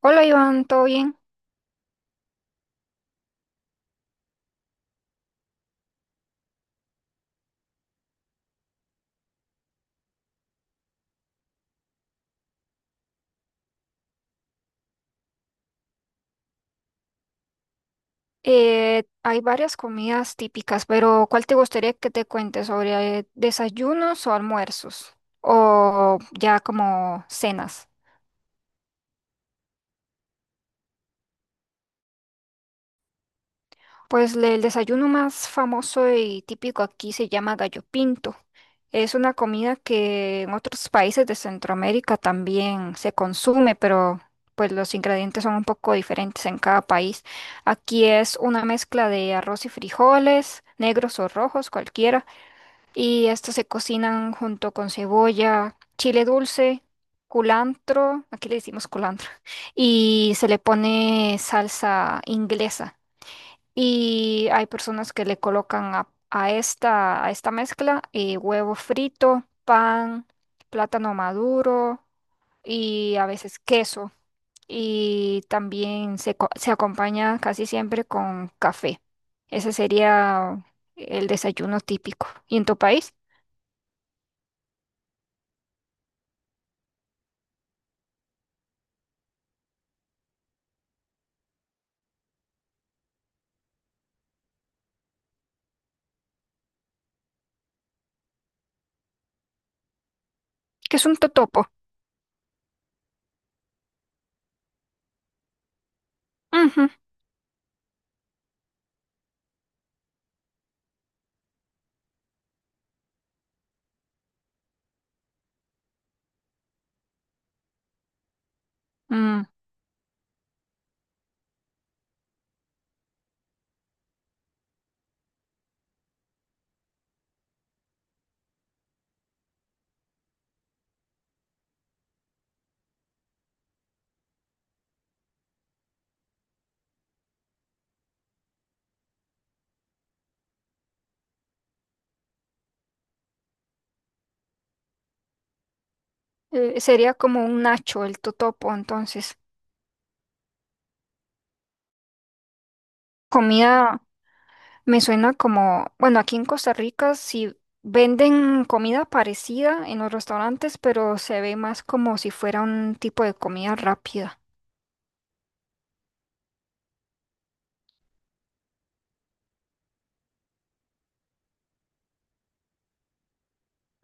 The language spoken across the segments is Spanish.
Hola Iván, ¿todo bien? Hay varias comidas típicas, pero ¿cuál te gustaría que te cuente sobre desayunos o almuerzos? O ya como cenas. Pues el desayuno más famoso y típico aquí se llama gallo pinto. Es una comida que en otros países de Centroamérica también se consume, pero pues los ingredientes son un poco diferentes en cada país. Aquí es una mezcla de arroz y frijoles, negros o rojos, cualquiera, y estos se cocinan junto con cebolla, chile dulce, culantro, aquí le decimos culantro, y se le pone salsa inglesa. Y hay personas que le colocan a esta mezcla, huevo frito, pan, plátano maduro y a veces queso. Y también se se acompaña casi siempre con café. Ese sería el desayuno típico. ¿Y en tu país? ¿Que es un totopo? Ujú. Mm, sería como un nacho el totopo, entonces. Comida me suena como, bueno, aquí en Costa Rica sí venden comida parecida en los restaurantes, pero se ve más como si fuera un tipo de comida rápida.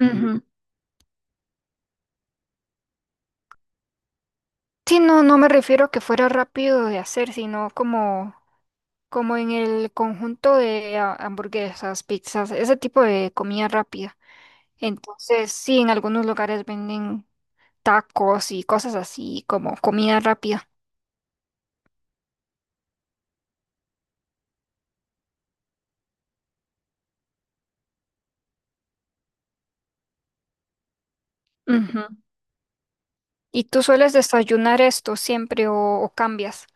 Ujú. Sí, no, no me refiero a que fuera rápido de hacer, sino como, como en el conjunto de ah, hamburguesas, pizzas, ese tipo de comida rápida. Entonces, sí, en algunos lugares venden tacos y cosas así como comida rápida. Ujú. ¿Y tú sueles desayunar esto siempre o cambias?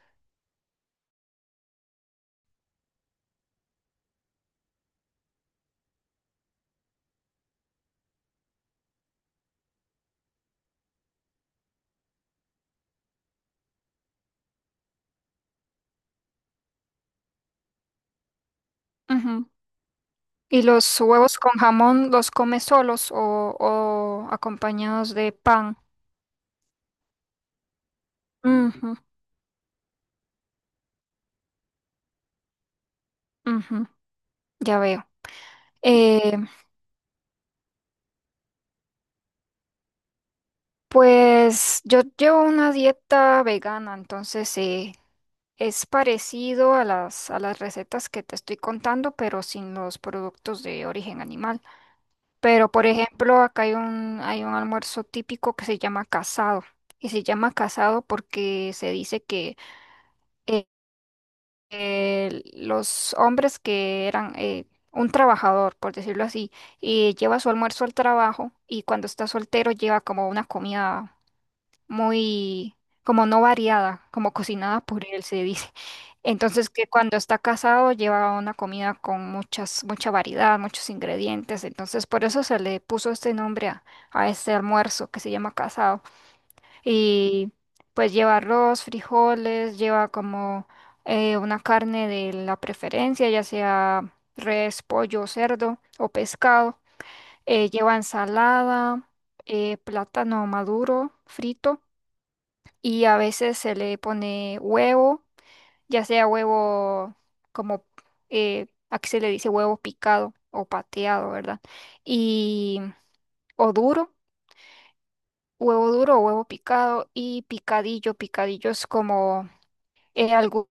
Ujú. ¿Y los huevos con jamón los comes solos o acompañados de pan? Ujú, ujú, ya veo. Eh, pues yo llevo una dieta vegana, entonces es parecido a a las recetas que te estoy contando, pero sin los productos de origen animal. Pero, por ejemplo, acá hay un almuerzo típico que se llama casado. Y se llama casado porque se dice que eh, los hombres que eran un trabajador, por decirlo así, y lleva su almuerzo al trabajo, y cuando está soltero lleva como una comida muy como no variada, como cocinada por él se dice. Entonces que cuando está casado lleva una comida con mucha variedad, muchos ingredientes. Entonces por eso se le puso este nombre a este almuerzo que se llama casado. Y pues lleva arroz, frijoles, lleva como una carne de la preferencia, ya sea res, pollo, cerdo o pescado. Lleva ensalada, plátano maduro, frito, y a veces se le pone huevo, ya sea huevo como aquí se le dice huevo picado o pateado, ¿verdad? Y o duro, huevo duro o huevo picado y picadillo. Picadillo es como alguna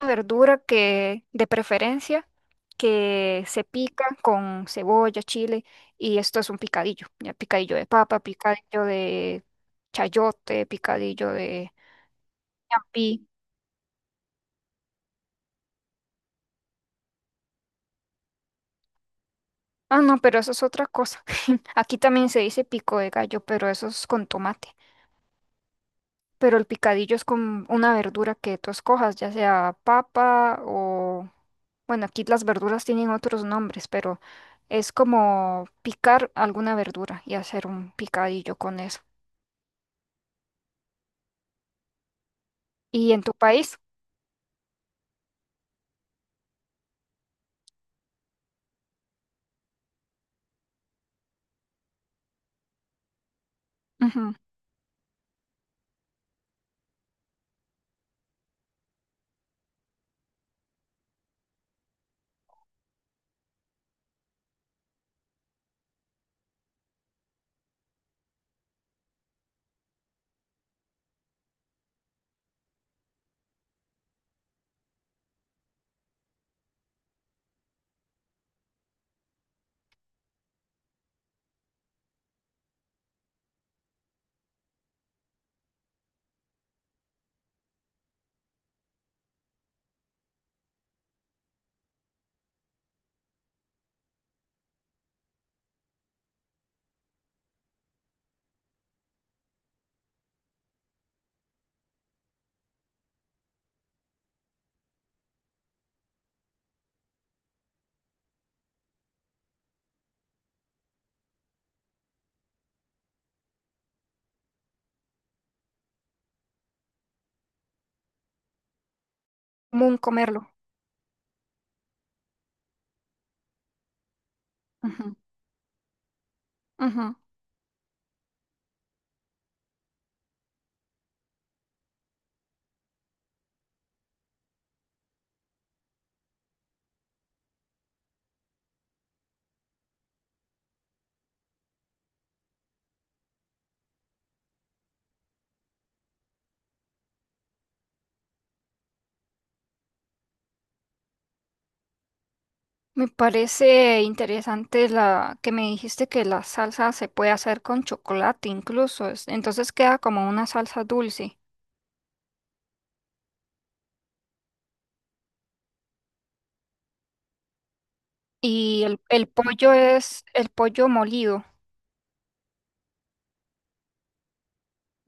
verdura que de preferencia que se pica con cebolla, chile, y esto es un picadillo. Ya picadillo de papa, picadillo de chayote, picadillo de ñapi. Ah, no, pero eso es otra cosa. Aquí también se dice pico de gallo, pero eso es con tomate. Pero el picadillo es con una verdura que tú escojas, ya sea papa o... Bueno, aquí las verduras tienen otros nombres, pero es como picar alguna verdura y hacer un picadillo con eso. ¿Y en tu país? Ujú. Común comerlo. Ujú, ujú. Me parece interesante la que me dijiste, que la salsa se puede hacer con chocolate incluso, es- entonces queda como una salsa dulce. Y el pollo es el pollo molido.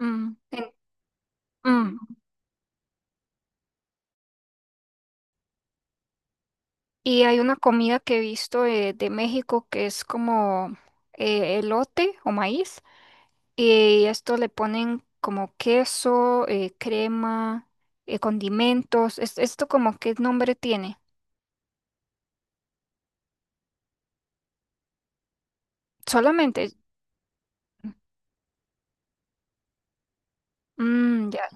Mm, en- mm. Y hay una comida que he visto de México que es como elote o maíz. Y esto le ponen como queso, crema, condimentos. Es- ¿esto como qué nombre tiene? Solamente. Mm, ya.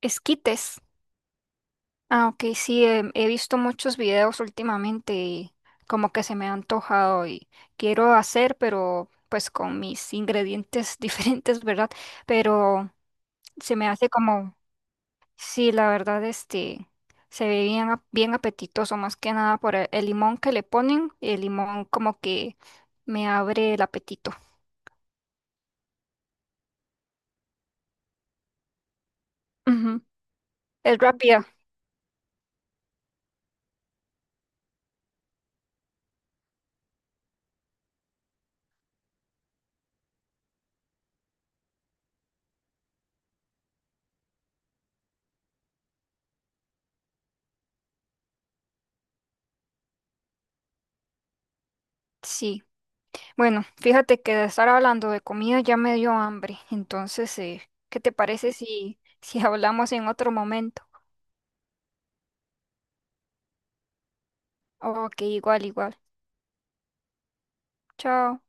Esquites. Ah, ok, sí, em, he visto muchos videos últimamente, y como que se me ha antojado y quiero hacer, pero pues con mis ingredientes diferentes, ¿verdad? Pero se me hace como, sí, la verdad, este, se ve bien, ap- bien apetitoso, más que nada por el limón que le ponen, el limón como que me abre el apetito. Ujú. Es rápida, sí. Bueno, fíjate que de estar hablando de comida ya me dio hambre, entonces, ¿qué te parece si, si hablamos en otro momento? Ok, igual, igual. Chao.